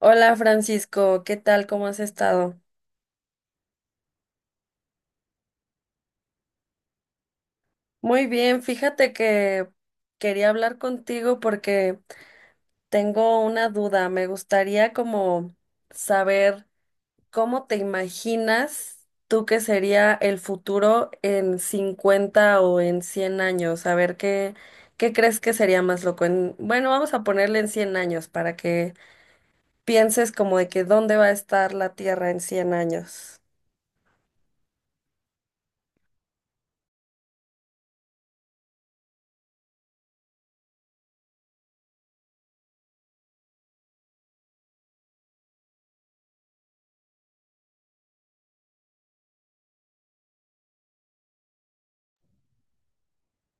Hola Francisco, ¿qué tal? ¿Cómo has estado? Muy bien, fíjate que quería hablar contigo porque tengo una duda. Me gustaría como saber cómo te imaginas tú que sería el futuro en 50 o en 100 años. A ver qué crees que sería más loco. Bueno, vamos a ponerle en 100 años para que pienses como de que dónde va a estar la Tierra en 100 años.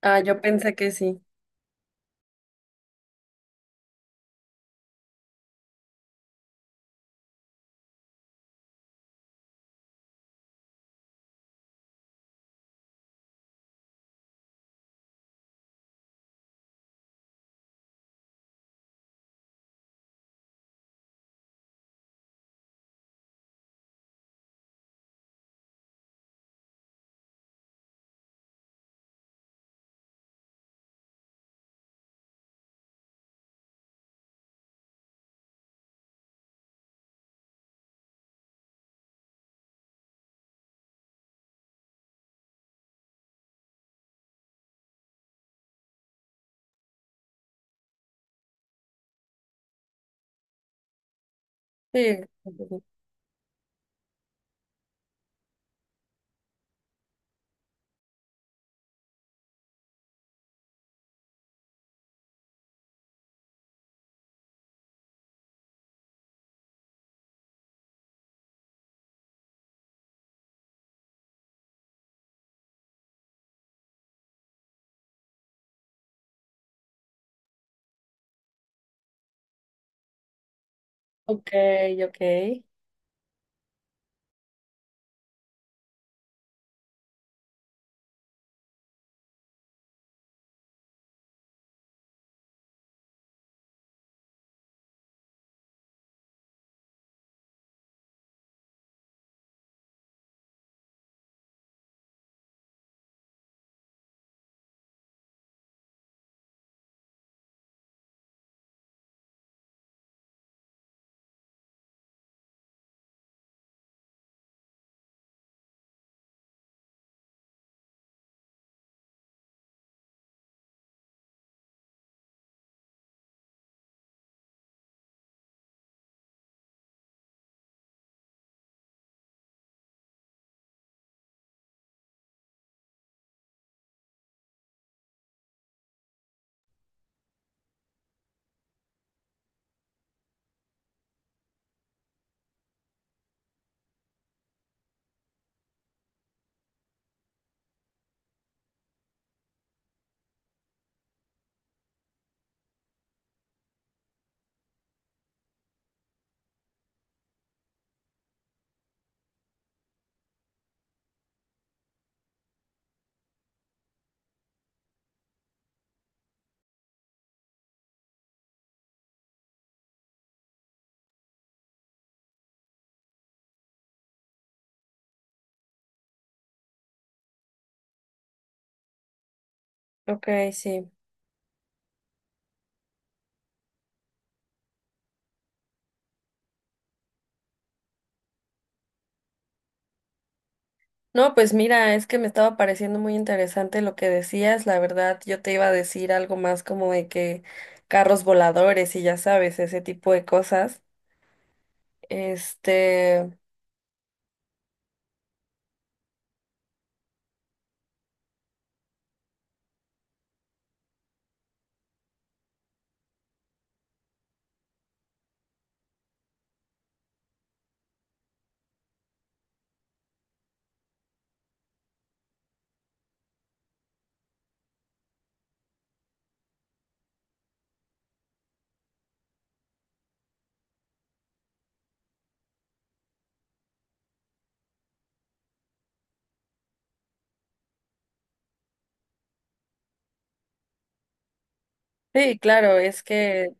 Ah, yo pensé que sí. Sí. Ok, ok, ok, sí. No, pues mira, es que me estaba pareciendo muy interesante lo que decías. La verdad, yo te iba a decir algo más como de que carros voladores y ya sabes, ese tipo de cosas. Este, sí, claro, es que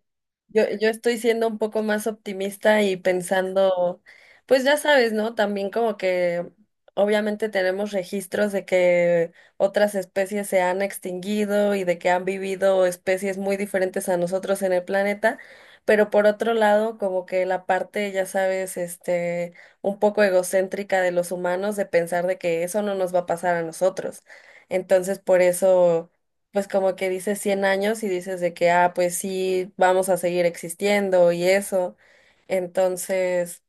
yo estoy siendo un poco más optimista y pensando, pues ya sabes, ¿no? También como que obviamente tenemos registros de que otras especies se han extinguido y de que han vivido especies muy diferentes a nosotros en el planeta, pero por otro lado, como que la parte, ya sabes, este, un poco egocéntrica de los humanos de pensar de que eso no nos va a pasar a nosotros. Entonces, por eso pues como que dices 100 años y dices de que, ah, pues sí, vamos a seguir existiendo y eso. Entonces,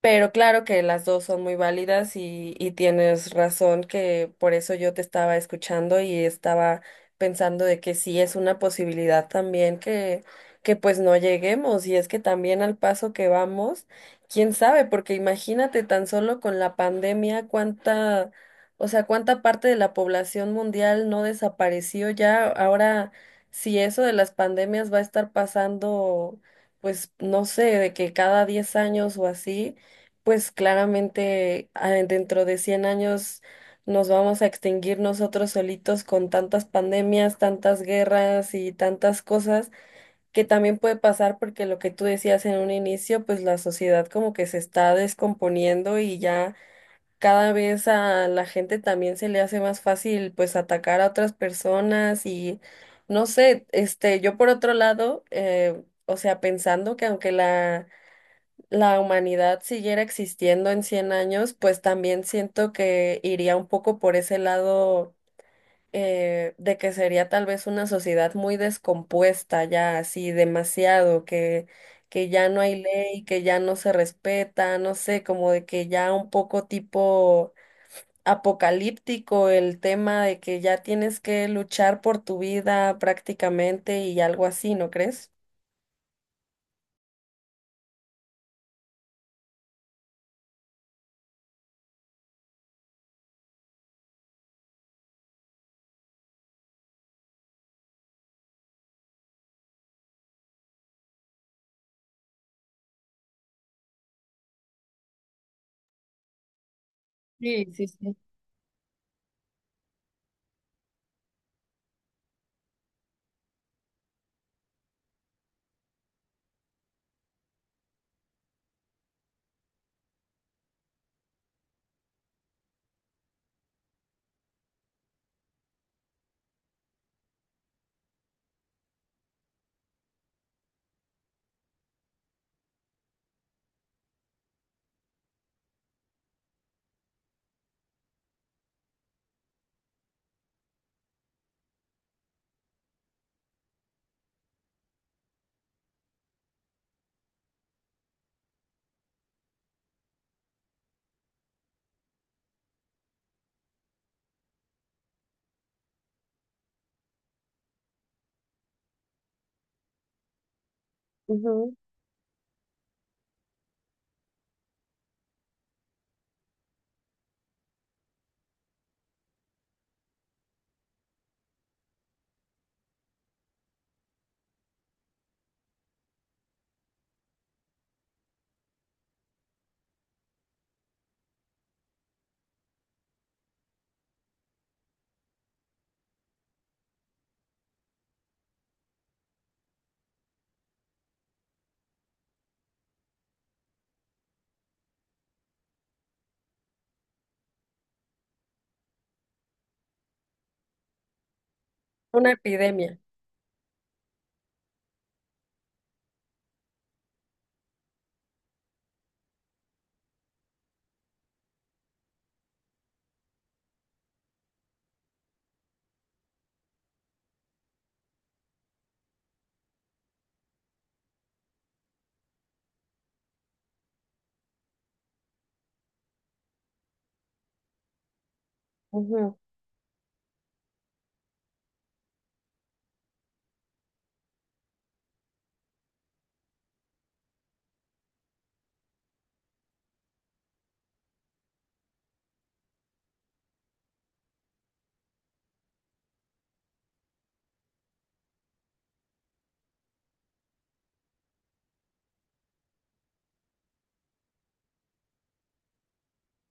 pero claro que las dos son muy válidas y tienes razón que por eso yo te estaba escuchando y estaba pensando de que sí es una posibilidad también que pues no lleguemos y es que también al paso que vamos, quién sabe, porque imagínate tan solo con la pandemia o sea, cuánta parte de la población mundial no desapareció ya. Ahora, si eso de las pandemias va a estar pasando, pues no sé, de que cada 10 años o así pues claramente ah, dentro de 100 años nos vamos a extinguir nosotros solitos con tantas pandemias, tantas guerras y tantas cosas que también puede pasar porque lo que tú decías en un inicio, pues la sociedad como que se está descomponiendo y ya cada vez a la gente también se le hace más fácil pues atacar a otras personas y no sé, este, yo por otro lado, o sea, pensando que aunque la humanidad siguiera existiendo en 100 años, pues también siento que iría un poco por ese lado de que sería tal vez una sociedad muy descompuesta ya, así demasiado, que ya no hay ley, que ya no se respeta, no sé, como de que ya un poco tipo apocalíptico el tema de que ya tienes que luchar por tu vida prácticamente y algo así, ¿no crees? Sí, sí, sí. Ujú. Una epidemia. Ujú,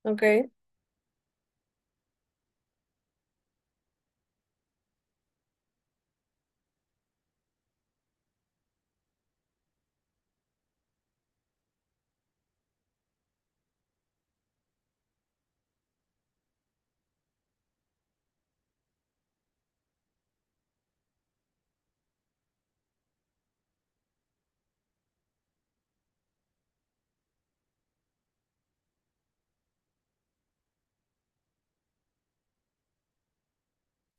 ok.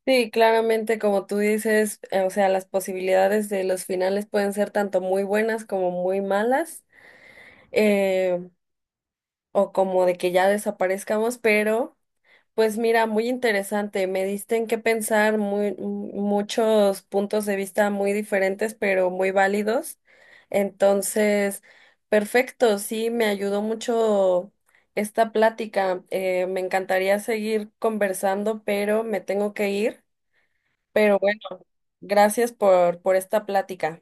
Sí, claramente, como tú dices, o sea, las posibilidades de los finales pueden ser tanto muy buenas como muy malas, eh, o como de que ya desaparezcamos, pero pues mira, muy interesante, me diste en qué pensar m- muchos puntos de vista muy diferentes, pero muy válidos. Entonces, perfecto, sí, me ayudó mucho esta plática. Eh, me encantaría seguir conversando, pero me tengo que ir. Pero bueno, gracias por esta plática.